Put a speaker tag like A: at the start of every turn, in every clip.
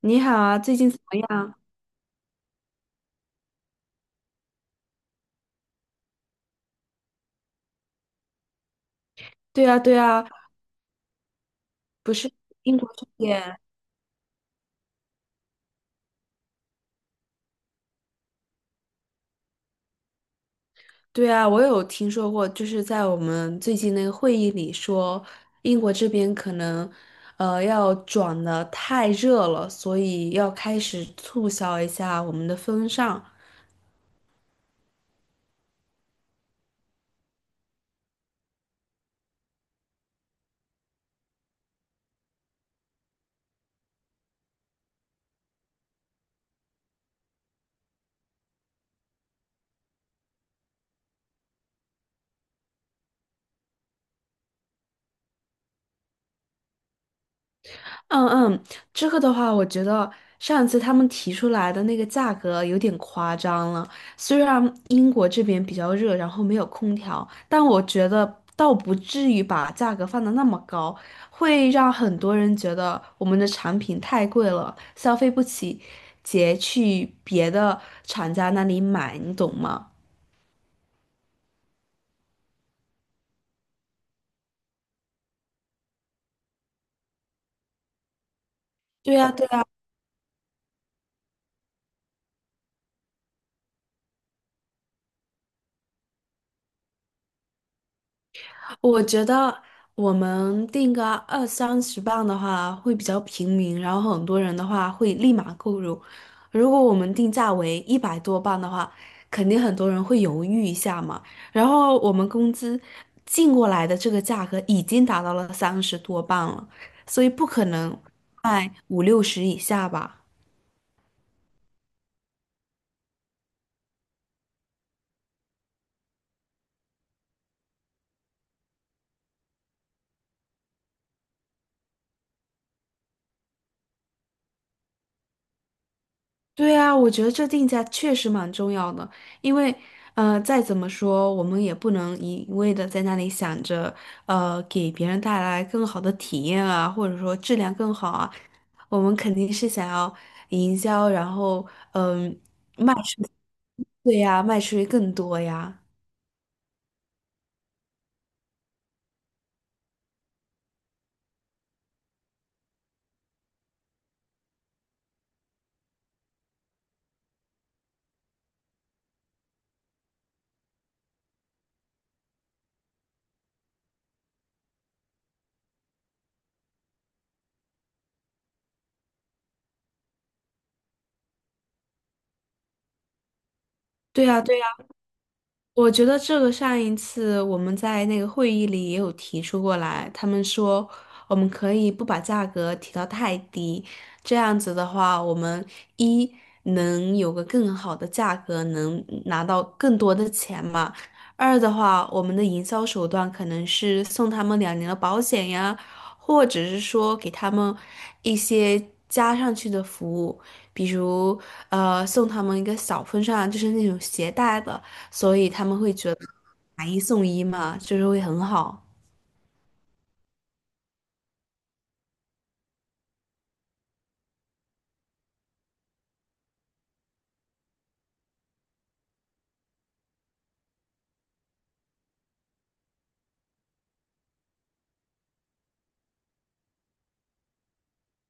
A: 你好啊，最近怎么样？对啊，对啊，不是英国这边。对啊，我有听说过，就是在我们最近那个会议里说，英国这边可能，要转的太热了，所以要开始促销一下我们的风尚。嗯嗯，这个的话，我觉得上次他们提出来的那个价格有点夸张了。虽然英国这边比较热，然后没有空调，但我觉得倒不至于把价格放得那么高，会让很多人觉得我们的产品太贵了，消费不起，直接去别的厂家那里买，你懂吗？对呀，对。我觉得我们定个20-30磅的话会比较平民，然后很多人的话会立马购入。如果我们定价为100多磅的话，肯定很多人会犹豫一下嘛。然后我们工资进过来的这个价格已经达到了30多磅了，所以不可能卖五六十以下吧。对啊，我觉得这定价确实蛮重要的，因为，再怎么说，我们也不能一味的在那里想着，给别人带来更好的体验啊，或者说质量更好啊，我们肯定是想要营销，然后，嗯、卖出对呀，卖出去更多呀，对呀，对呀。我觉得这个上一次我们在那个会议里也有提出过来，他们说我们可以不把价格提到太低，这样子的话，我们一能有个更好的价格，能拿到更多的钱嘛；二的话，我们的营销手段可能是送他们2年的保险呀，或者是说给他们一些加上去的服务，比如送他们一个小风扇，就是那种携带的。所以他们会觉得买一送一嘛，就是会很好。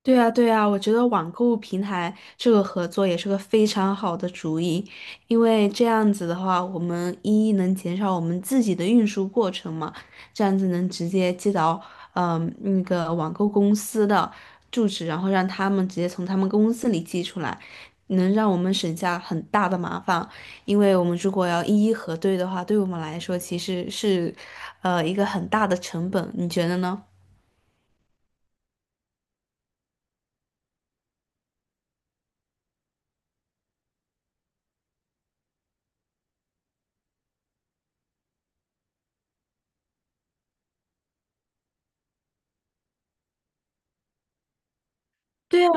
A: 对啊，对啊，我觉得网购平台这个合作也是个非常好的主意，因为这样子的话，我们一能减少我们自己的运输过程嘛，这样子能直接寄到那个网购公司的住址，然后让他们直接从他们公司里寄出来，能让我们省下很大的麻烦，因为我们如果要一一核对的话，对我们来说其实是一个很大的成本，你觉得呢？对啊，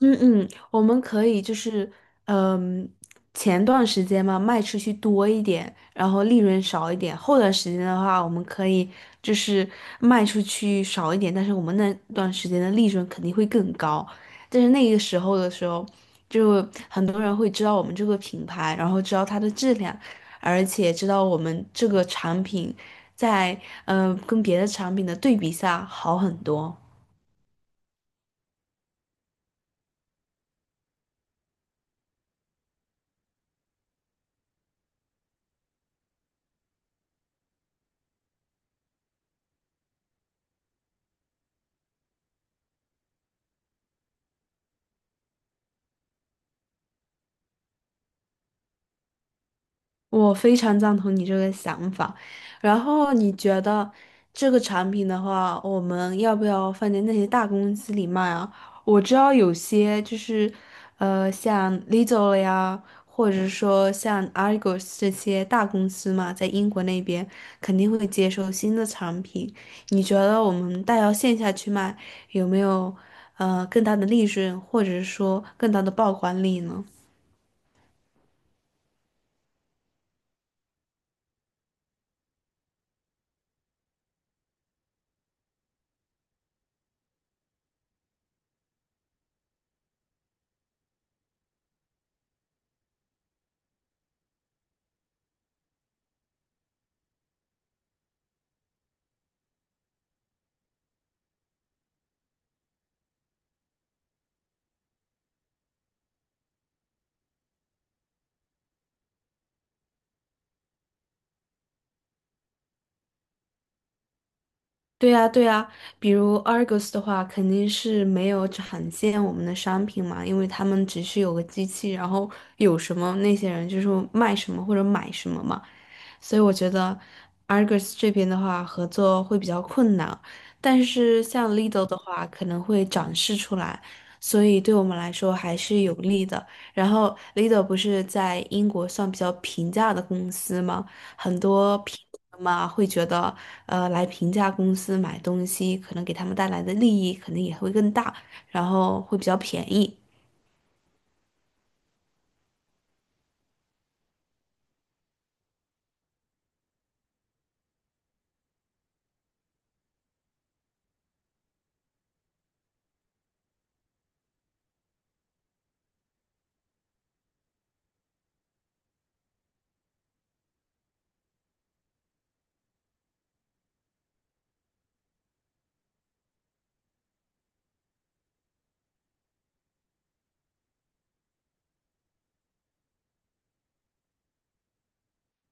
A: 嗯嗯，我们可以就是，嗯，前段时间嘛，卖出去多一点，然后利润少一点。后段时间的话，我们可以就是卖出去少一点，但是我们那段时间的利润肯定会更高。但是那个时候的时候，就很多人会知道我们这个品牌，然后知道它的质量，而且知道我们这个产品在跟别的产品的对比下好很多。我非常赞同你这个想法，然后你觉得这个产品的话，我们要不要放在那些大公司里卖啊？我知道有些就是，像 Lidl 了呀，或者说像 Argos 这些大公司嘛，在英国那边肯定会接受新的产品。你觉得我们带到线下去卖，有没有更大的利润，或者说更大的曝光率呢？对呀，对呀，比如 Argos 的话，肯定是没有展现我们的商品嘛，因为他们只是有个机器，然后有什么那些人就是卖什么或者买什么嘛，所以我觉得 Argos 这边的话合作会比较困难，但是像 Lidl 的话可能会展示出来，所以对我们来说还是有利的。然后 Lidl 不是在英国算比较平价的公司吗？很多评论嘛会觉得，来评价公司买东西，可能给他们带来的利益肯定也会更大，然后会比较便宜。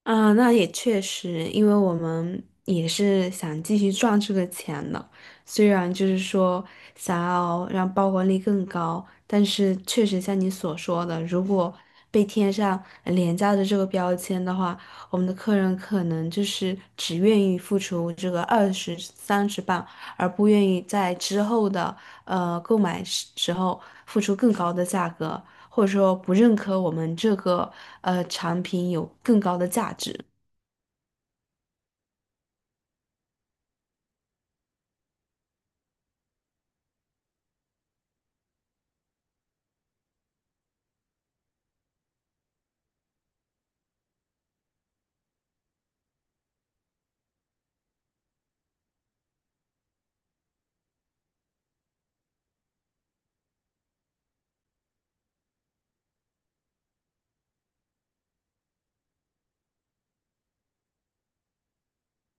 A: 啊，那也确实，因为我们也是想继续赚这个钱的，虽然就是说想要让曝光率更高，但是确实像你所说的，如果被贴上廉价的这个标签的话，我们的客人可能就是只愿意付出这个20-30磅，而不愿意在之后的购买时候付出更高的价格。或者说不认可我们这个产品有更高的价值。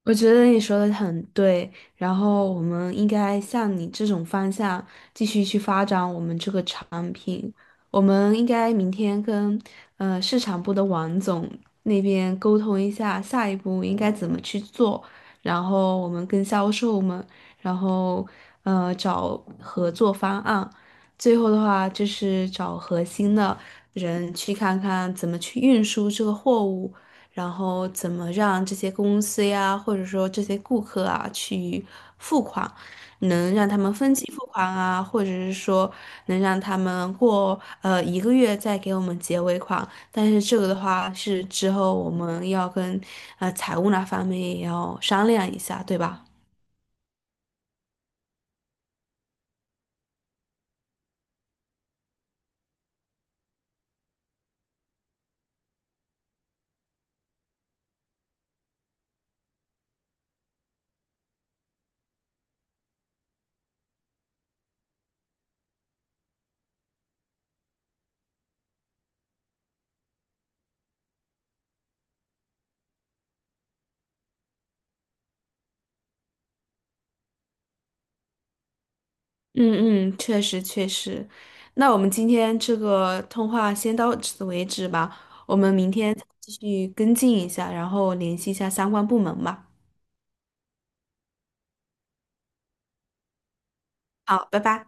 A: 我觉得你说的很对，然后我们应该向你这种方向继续去发展我们这个产品。我们应该明天跟市场部的王总那边沟通一下，下一步应该怎么去做。然后我们跟销售们，然后找合作方案。最后的话就是找核心的人去看看怎么去运输这个货物。然后怎么让这些公司呀，或者说这些顾客啊去付款，能让他们分期付款啊，或者是说能让他们过1个月再给我们结尾款。但是这个的话是之后我们要跟财务那方面也要商量一下，对吧？嗯嗯，确实确实。那我们今天这个通话先到此为止吧，我们明天再继续跟进一下，然后联系一下相关部门吧。好，拜拜。